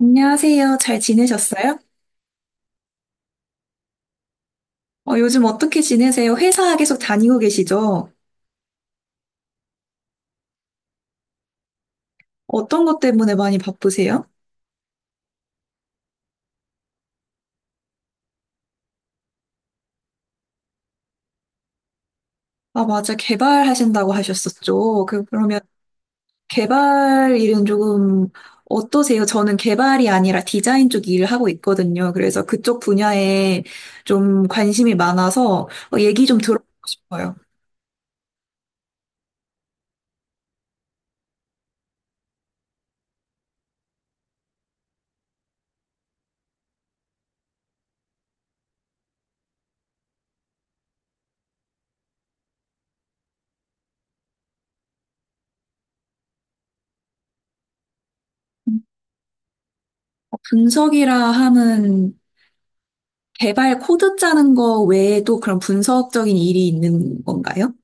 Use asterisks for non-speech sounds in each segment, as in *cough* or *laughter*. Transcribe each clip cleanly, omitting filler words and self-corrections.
안녕하세요. 잘 지내셨어요? 요즘 어떻게 지내세요? 회사 계속 다니고 계시죠? 어떤 것 때문에 많이 바쁘세요? 아, 맞아. 개발하신다고 하셨었죠. 그러면 개발 일은 조금 어떠세요? 저는 개발이 아니라 디자인 쪽 일을 하고 있거든요. 그래서 그쪽 분야에 좀 관심이 많아서 얘기 좀 들어보고 싶어요. 음, 분석이라 하면 개발 코드 짜는 거 외에도 그런 분석적인 일이 있는 건가요?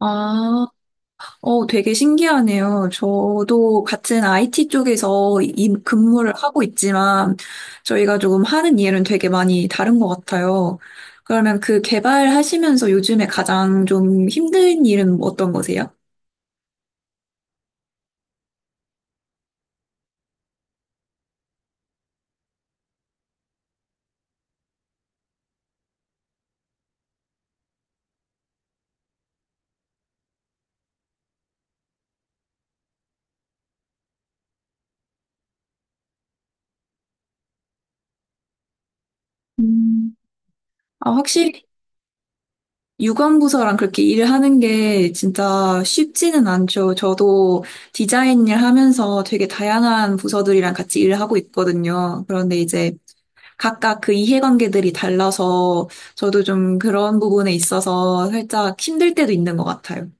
아, 되게 신기하네요. 저도 같은 IT 쪽에서 이 근무를 하고 있지만 저희가 조금 하는 일은 되게 많이 다른 것 같아요. 그러면 그 개발하시면서 요즘에 가장 좀 힘든 일은 어떤 거세요? 음. 아, 확실히 유관부서랑 그렇게 일을 하는 게 진짜 쉽지는 않죠. 저도 디자인 일 하면서 되게 다양한 부서들이랑 같이 일을 하고 있거든요. 그런데 이제 각각 그 이해관계들이 달라서 저도 좀 그런 부분에 있어서 살짝 힘들 때도 있는 것 같아요.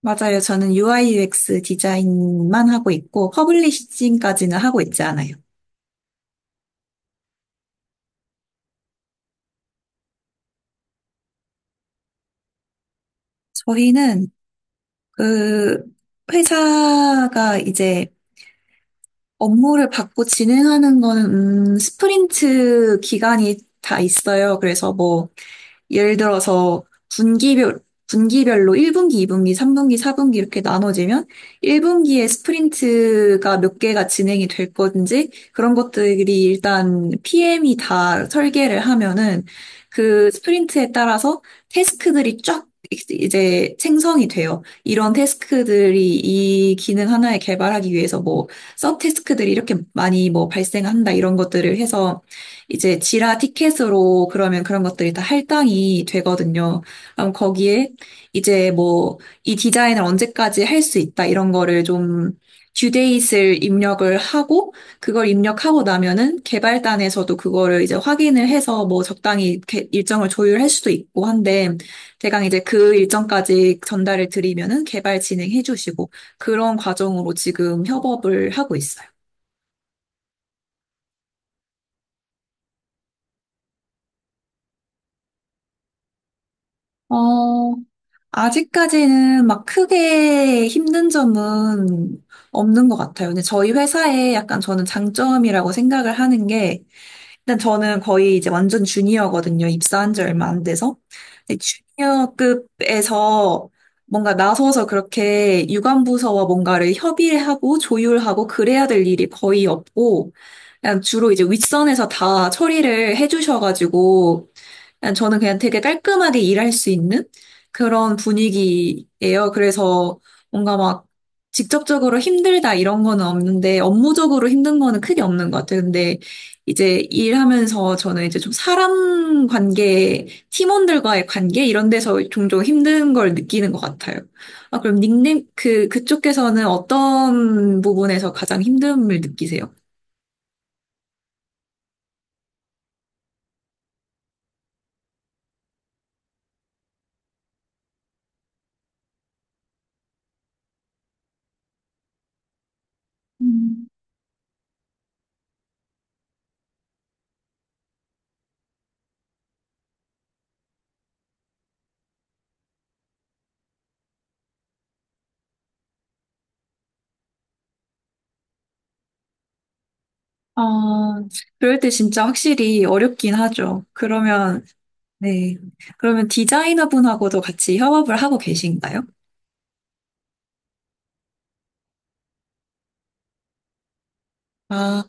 맞아요. 저는 UI UX 디자인만 하고 있고 퍼블리싱까지는 하고 있지 않아요. 저희는 그 회사가 이제 업무를 받고 진행하는 거는 스프린트 기간이 다 있어요. 그래서 뭐 예를 들어서 분기별, 분기별로 1분기, 2분기, 3분기, 4분기 이렇게 나눠지면 1분기에 스프린트가 몇 개가 진행이 될 건지 그런 것들이 일단 PM이 다 설계를 하면은 그 스프린트에 따라서 테스크들이 쫙 이제 생성이 돼요. 이런 테스크들이 이 기능 하나에 개발하기 위해서 뭐 서테스크들이 이렇게 많이 뭐 발생한다 이런 것들을 해서 이제 지라 티켓으로 그러면 그런 것들이 다 할당이 되거든요. 그럼 거기에 이제 뭐 이 디자인을 언제까지 할 수 있다 이런 거를 좀 듀데이트를 입력을 하고 그걸 입력하고 나면은 개발단에서도 그거를 이제 확인을 해서 뭐 적당히 이렇게 일정을 조율할 수도 있고 한데 대강 이제 그 일정까지 전달을 드리면은 개발 진행해 주시고 그런 과정으로 지금 협업을 하고 있어요. 어, 아직까지는 막 크게 힘든 점은 없는 것 같아요. 근데 저희 회사에 약간 저는 장점이라고 생각을 하는 게, 일단 저는 거의 이제 완전 주니어거든요. 입사한 지 얼마 안 돼서. 근데 주니어급에서 뭔가 나서서 그렇게 유관부서와 뭔가를 협의하고 조율하고 그래야 될 일이 거의 없고, 그냥 주로 이제 윗선에서 다 처리를 해주셔가지고, 그냥 저는 그냥 되게 깔끔하게 일할 수 있는 그런 분위기예요. 그래서 뭔가 막 직접적으로 힘들다 이런 거는 없는데 업무적으로 힘든 거는 크게 없는 것 같아요. 근데 이제 일하면서 저는 이제 좀 사람 관계, 팀원들과의 관계 이런 데서 종종 힘든 걸 느끼는 것 같아요. 아, 그럼 닉네임 그 그쪽에서는 어떤 부분에서 가장 힘듦을 느끼세요? 아, 그럴 때 진짜 확실히 어렵긴 하죠. 그러면 네. 그러면 디자이너분하고도 같이 협업을 하고 계신가요? 아,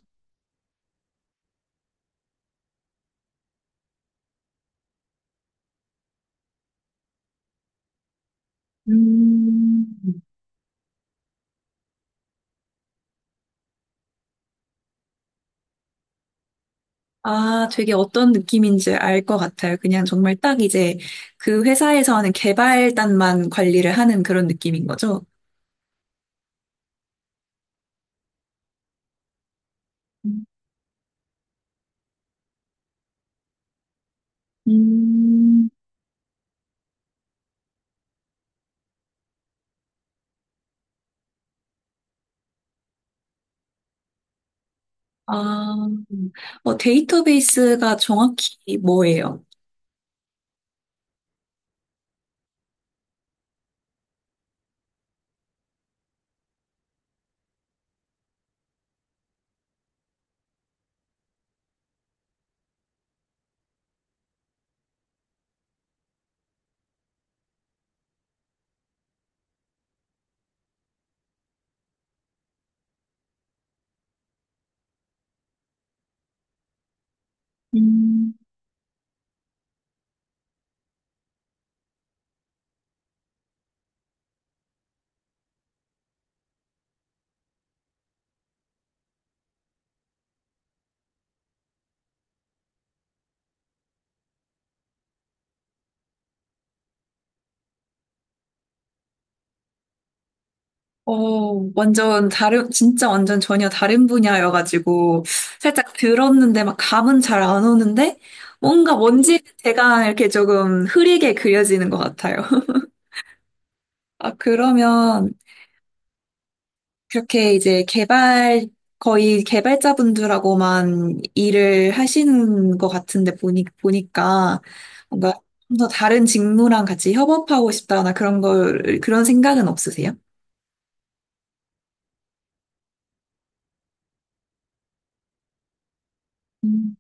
음. 아, 되게 어떤 느낌인지 알 것 같아요. 그냥 정말 딱 이제 그 회사에서 하는 개발단만 관리를 하는 그런 느낌인 거죠? 음. 아, 데이터베이스가 정확히 뭐예요? 음. 어, 완전 다른, 진짜 완전 전혀 다른 분야여가지고, 살짝 들었는데 막 감은 잘 안 오는데, 뭔가 뭔지 제가 이렇게 조금 흐리게 그려지는 것 같아요. *laughs* 아, 그러면, 그렇게 이제 개발, 거의 개발자분들하고만 일을 하시는 것 같은데, 보니까, 뭔가 좀 더 다른 직무랑 같이 협업하고 싶다나 그런 걸, 그런 생각은 없으세요? 음,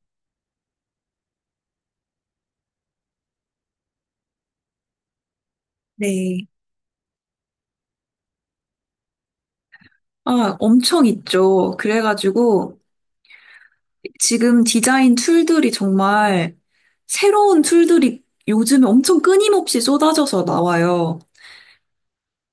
네. 아, 엄청 있죠. 그래가지고 지금 디자인 툴들이 정말 새로운 툴들이 요즘에 엄청 끊임없이 쏟아져서 나와요.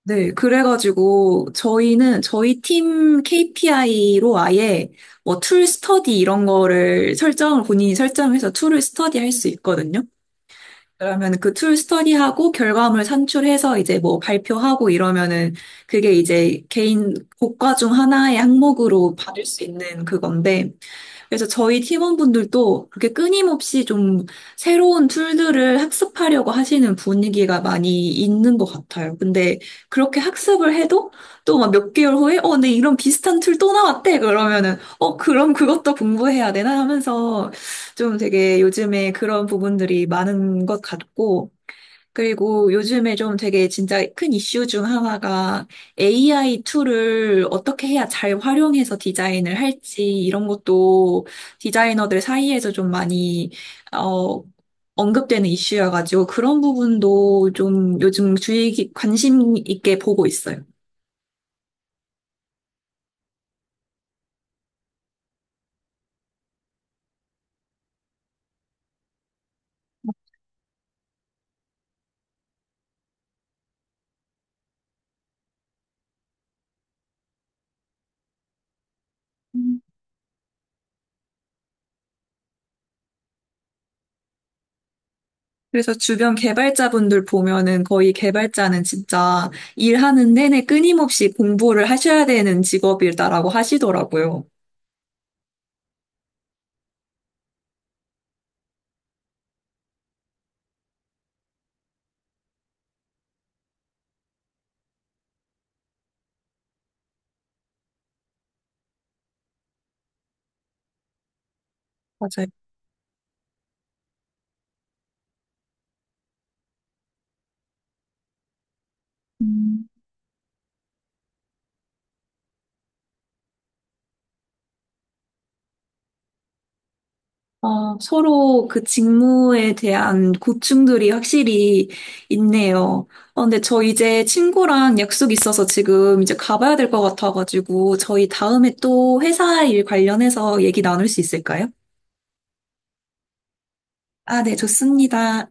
네, 그래가지고 저희는 저희 팀 KPI로 아예 뭐 툴 스터디 이런 거를 설정을 본인이 설정해서 툴을 스터디 할 수 있거든요. 그러면 그 툴 스터디하고 결과물 산출해서 이제 뭐 발표하고 이러면은 그게 이제 개인 고과 중 하나의 항목으로 받을 수 있는 그건데 그래서 저희 팀원분들도 그렇게 끊임없이 좀 새로운 툴들을 학습하려고 하시는 분위기가 많이 있는 것 같아요. 근데 그렇게 학습을 해도 또 막 몇 개월 후에 어, 근데 이런 비슷한 툴 또 나왔대. 그러면은 어, 그럼 그것도 공부해야 되나 하면서 좀 되게 요즘에 그런 부분들이 많은 것 같고 그리고 요즘에 좀 되게 진짜 큰 이슈 중 하나가 AI 툴을 어떻게 해야 잘 활용해서 디자인을 할지 이런 것도 디자이너들 사이에서 좀 많이 어, 언급되는 이슈여가지고 그런 부분도 좀 요즘 주의 깊- 관심 있게 보고 있어요. 음. 그래서 주변 개발자분들 보면은 거의 개발자는 진짜 일하는 내내 끊임없이 공부를 하셔야 되는 직업이다라고 하시더라고요. 맞아요. 어, 서로 그 직무에 대한 고충들이 확실히 있네요. 어, 근데 저 이제 친구랑 약속 있어서 지금 이제 가봐야 될 것 같아가지고 저희 다음에 또 회사 일 관련해서 얘기 나눌 수 있을까요? 아, 네, 좋습니다.